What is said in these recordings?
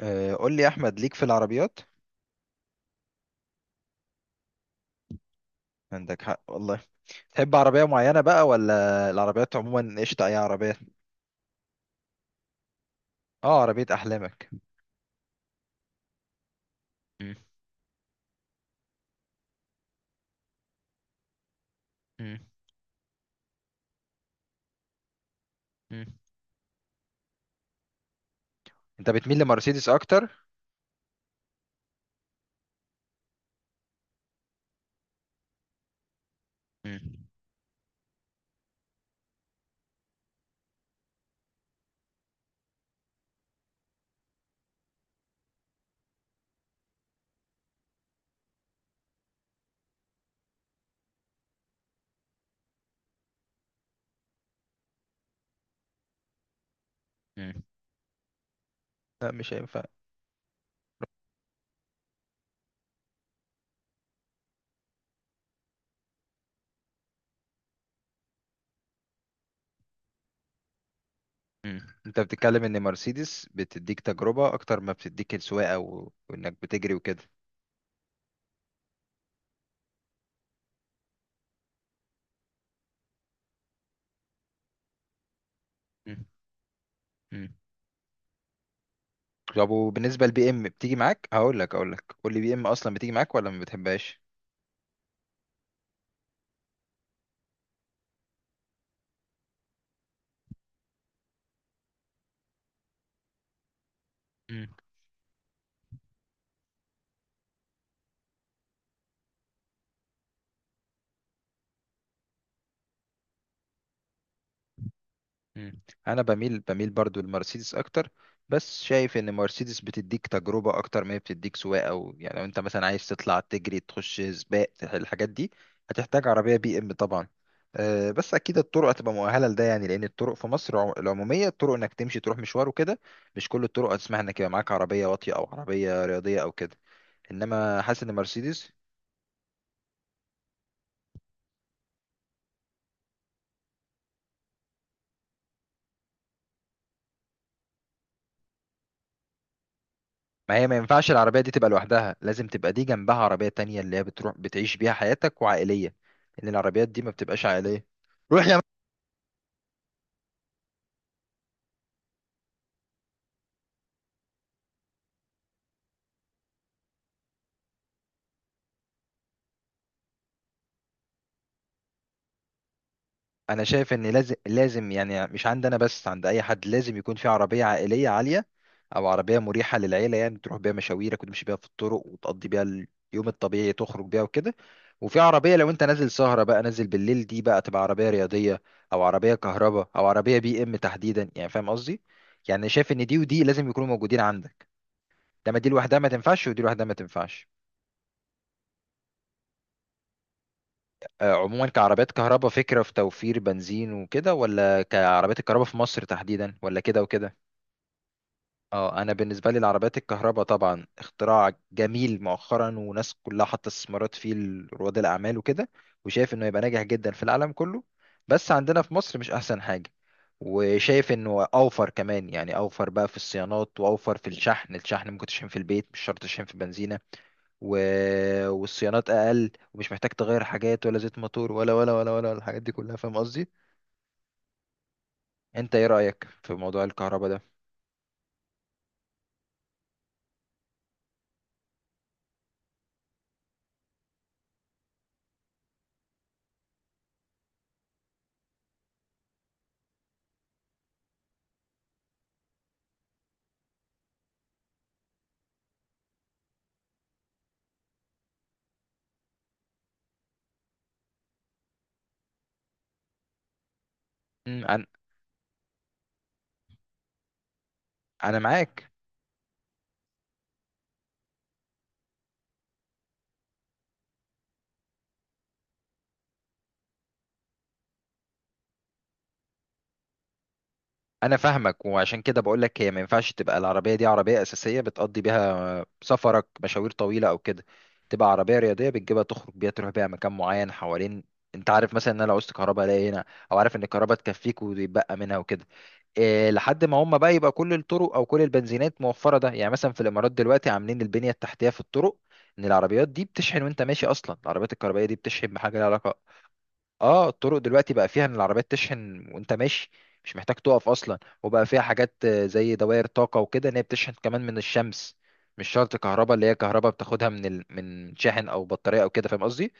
آه، قول لي يا احمد، ليك في العربيات. عندك حق والله. تحب عربيه معينه بقى، ولا العربيات عموما قشطه اي عربيه؟ اه، عربيه احلامك. مم. مم. مم. انت بتميل لمرسيدس اكتر؟ مم. مم. لا، مش هينفع. مم. انت بتتكلم ان مرسيدس بتديك تجربه اكتر ما بتديك السواقه، وانك بتجري وكده. مم. مم. طب، وبالنسبه للبي ام بتيجي معاك، هقول لك هقول لك قول لي، بي ام اصلا بتيجي معاك ولا ما بتحبهاش؟ مم. انا بميل برضو لمرسيدس اكتر. بس شايف ان مرسيدس بتديك تجربه اكتر ما هي بتديك سواقه، او يعني لو انت مثلا عايز تطلع تجري تخش سباق، الحاجات دي هتحتاج عربيه بي ام طبعا. أه، بس اكيد الطرق هتبقى مؤهله لده، يعني لان الطرق في مصر العموميه، الطرق انك تمشي تروح مشوار وكده. مش كل الطرق هتسمح انك يبقى معاك عربيه واطيه او عربيه رياضيه او كده. انما حاسس ان مرسيدس، ما هي ما ينفعش العربية دي تبقى لوحدها، لازم تبقى دي جنبها عربية تانية اللي هي بتروح بتعيش بيها حياتك وعائلية. لأن العربيات دي ما بتبقاش عائلية. روح يا م- أنا شايف إن لازم، يعني مش عند أنا بس، عند أي حد لازم يكون في عربية عائلية عالية. أو عربية مريحة للعيلة، يعني تروح بيها مشاويرك وتمشي بيها في الطرق وتقضي بيها اليوم الطبيعي، تخرج بيها وكده. وفي عربية لو أنت نازل سهرة بقى، نازل بالليل، دي بقى تبقى عربية رياضية. أو عربية كهرباء أو عربية بي إم تحديدا، يعني فاهم قصدي؟ يعني شايف إن دي ودي لازم يكونوا موجودين عندك. ده، ما دي لوحدها ما تنفعش ودي لوحدها ما تنفعش. آه، عموما، كعربيات كهرباء فكرة في توفير بنزين وكده، ولا كعربيات الكهرباء في مصر تحديدا، ولا كده وكده؟ اه، انا بالنسبه لي العربيات الكهرباء طبعا اختراع جميل مؤخرا، وناس كلها حاطه استثمارات فيه، رواد الاعمال وكده. وشايف انه يبقى ناجح جدا في العالم كله. بس عندنا في مصر مش احسن حاجه. وشايف انه اوفر كمان، يعني اوفر بقى في الصيانات واوفر في الشحن ممكن تشحن في البيت، مش شرط تشحن في بنزينه. و... والصيانات اقل، ومش محتاج تغير حاجات ولا زيت موتور ولا الحاجات دي كلها، فاهم قصدي. انت ايه رايك في موضوع الكهرباء ده؟ انا أنا معاك. انا فاهمك، وعشان كده بقول لك هي ما ينفعش تبقى العربيه دي عربيه اساسيه بتقضي بيها سفرك مشاوير طويله او كده. تبقى عربيه رياضيه بتجيبها تخرج بيها، تروح بيها مكان معين حوالين. انت عارف مثلا ان انا لو عوزت كهرباء الاقي هنا، او عارف ان الكهرباء تكفيك ويتبقى منها وكده. إيه لحد ما هم بقى يبقى كل الطرق او كل البنزينات موفره، ده يعني مثلا في الامارات دلوقتي عاملين البنيه التحتيه في الطرق ان العربيات دي بتشحن وانت ماشي، اصلا العربيات الكهربائيه دي بتشحن بحاجه لها علاقه. اه، الطرق دلوقتي بقى فيها ان العربيات تشحن وانت ماشي، مش محتاج تقف اصلا، وبقى فيها حاجات زي دوائر طاقة وكده، ان هي بتشحن كمان من الشمس. مش شرط كهرباء اللي هي كهرباء بتاخدها من شاحن او بطارية او كده، فاهم قصدي.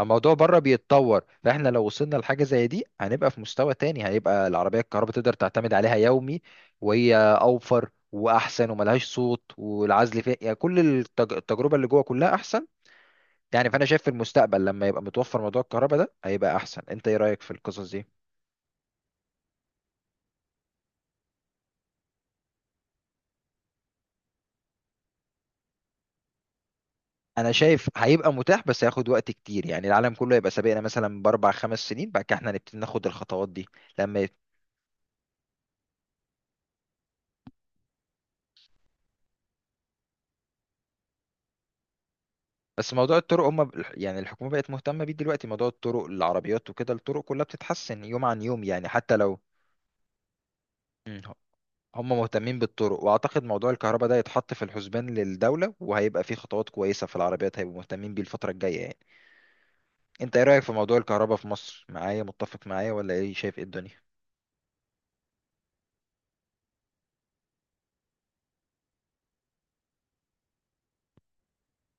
الموضوع بره بيتطور، فاحنا لو وصلنا لحاجة زي دي هنبقى في مستوى تاني، هيبقى العربية الكهرباء تقدر تعتمد عليها يومي. وهي اوفر واحسن وملهاش صوت والعزل فيها، يعني كل التجربة اللي جوه كلها احسن. يعني فانا شايف في المستقبل لما يبقى متوفر موضوع الكهرباء ده هيبقى احسن، انت ايه رايك في القصص دي؟ انا شايف هيبقى متاح بس هياخد وقت كتير، يعني العالم كله هيبقى سابقنا مثلا باربع خمس سنين، بعد كده احنا هنبتدي ناخد الخطوات دي. لما يت... بس موضوع الطرق هم، يعني الحكومه بقت مهتمه بيه دلوقتي، موضوع الطرق العربيات وكده، الطرق كلها بتتحسن يوم عن يوم يعني، حتى لو. مم. هم مهتمين بالطرق، واعتقد موضوع الكهرباء ده يتحط في الحسبان للدوله، وهيبقى فيه خطوات كويسه في العربيات، هيبقوا مهتمين بيه الفتره الجايه يعني. انت ايه رأيك في موضوع الكهرباء في مصر، معايا متفق معايا، ولا ايه شايف ايه الدنيا؟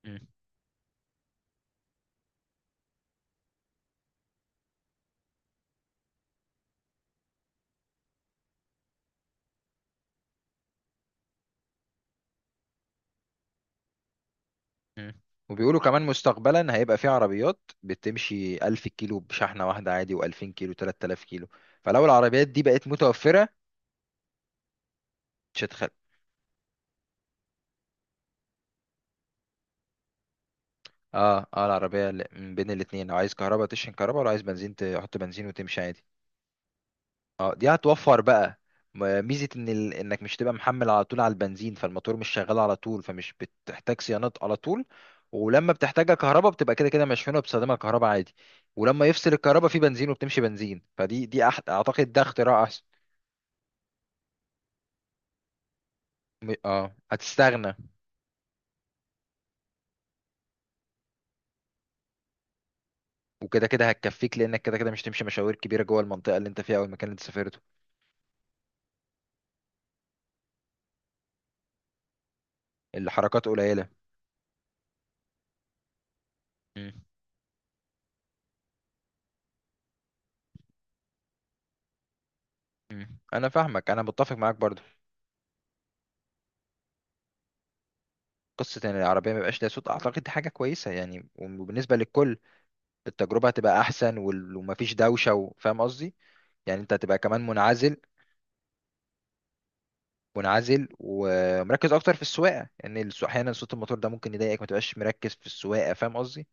مم. مم. وبيقولوا كمان مستقبلا هيبقى في عربيات بتمشي 1000 كيلو بشحنة واحدة عادي، و2000 كيلو، 3000 كيلو. فلو العربيات دي بقت متوفرة، مش هتخلي. اه، اه، العربية من بين الاتنين، لو عايز كهرباء تشحن كهرباء، ولو عايز بنزين تحط بنزين وتمشي عادي. اه، دي هتوفر بقى ميزة انك مش تبقى محمل على طول على البنزين، فالموتور مش شغال على طول، فمش بتحتاج صيانات على طول. ولما بتحتاجها كهرباء بتبقى كده كده مشحونة، بتستخدمها كهرباء عادي. ولما يفصل الكهرباء في بنزين وبتمشي بنزين، فدي اعتقد ده اختراع احسن. اه، هتستغنى. وكده كده هتكفيك لانك كده كده مش تمشي مشاوير كبيرة جوه المنطقة اللي انت فيها او المكان اللي انت سافرته. الحركات قليلة. مم. مم. انا فاهمك، انا متفق معاك برضو. قصة ان العربية ما يبقاش ليها صوت، اعتقد دي حاجة كويسة يعني، وبالنسبة للكل التجربة هتبقى أحسن، ومفيش دوشة فاهم قصدي؟ يعني أنت هتبقى كمان منعزل. منعزل ومركز أكتر في السواقة. لأن يعني أحيانا صوت الموتور ده ممكن يضايقك، ما تبقاش مركز في السواقة، فاهم قصدي؟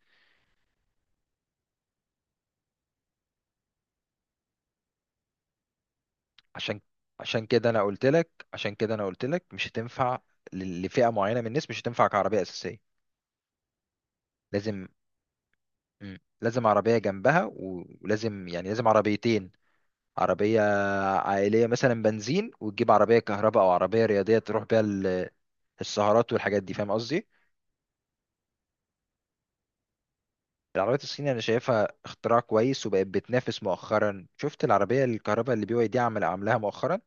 عشان عشان كده أنا قلت لك مش هتنفع لفئة معينة من الناس، مش هتنفع كعربية أساسية. لازم. مم. لازم عربية جنبها، ولازم يعني لازم عربيتين. عربية عائلية مثلا بنزين، وتجيب عربية كهرباء أو عربية رياضية تروح بيها السهرات والحاجات دي، فاهم قصدي؟ العربيات الصيني انا شايفها اختراع كويس، وبقت بتنافس مؤخرا. شفت العربيه الكهرباء اللي BYD عمل عاملاها مؤخرا.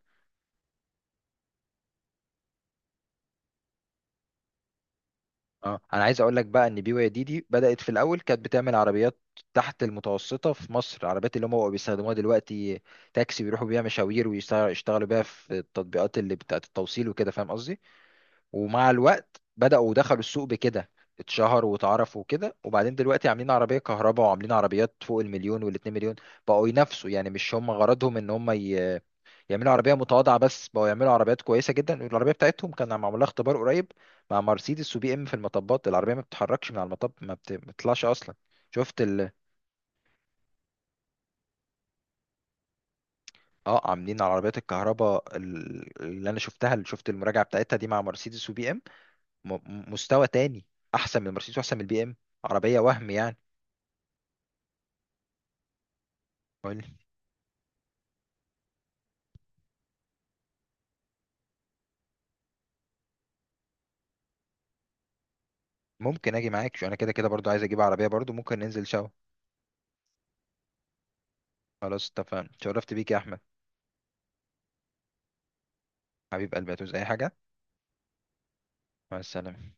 اه، انا عايز اقول لك بقى ان BYD دي بدات في الاول كانت بتعمل عربيات تحت المتوسطه في مصر، العربيات اللي هم بقوا بيستخدموها دلوقتي تاكسي، بيروحوا بيها مشاوير ويشتغلوا بيها في التطبيقات اللي بتاعت التوصيل وكده، فاهم قصدي. ومع الوقت بداوا ودخلوا السوق بكده، اتشهروا واتعرفوا وكده. وبعدين دلوقتي عاملين عربيه كهرباء، وعاملين عربيات فوق المليون والاتنين مليون. بقوا ينافسوا، يعني مش هم غرضهم ان هم يعملوا عربيه متواضعه بس، بقوا يعملوا عربيات كويسه جدا. العربيه بتاعتهم كان معمول لها اختبار قريب مع مرسيدس وبي ام في المطبات، العربيه ما بتتحركش من على المطب، ما بتطلعش اصلا. شفت ال اه، عاملين على عربيات الكهرباء، اللي انا شفتها، اللي شفت المراجعه بتاعتها دي مع مرسيدس وبي ام، مستوى تاني، احسن من مرسيدس واحسن من البي ام. عربيه وهم يعني. قول لي. ممكن اجي معاك، شو انا كده كده برضو عايز اجيب عربيه برضو، ممكن ننزل سوا. خلاص اتفقنا، شرفت بيك يا احمد. حبيب قلبي، هتعوز اي حاجه؟ مع السلامه.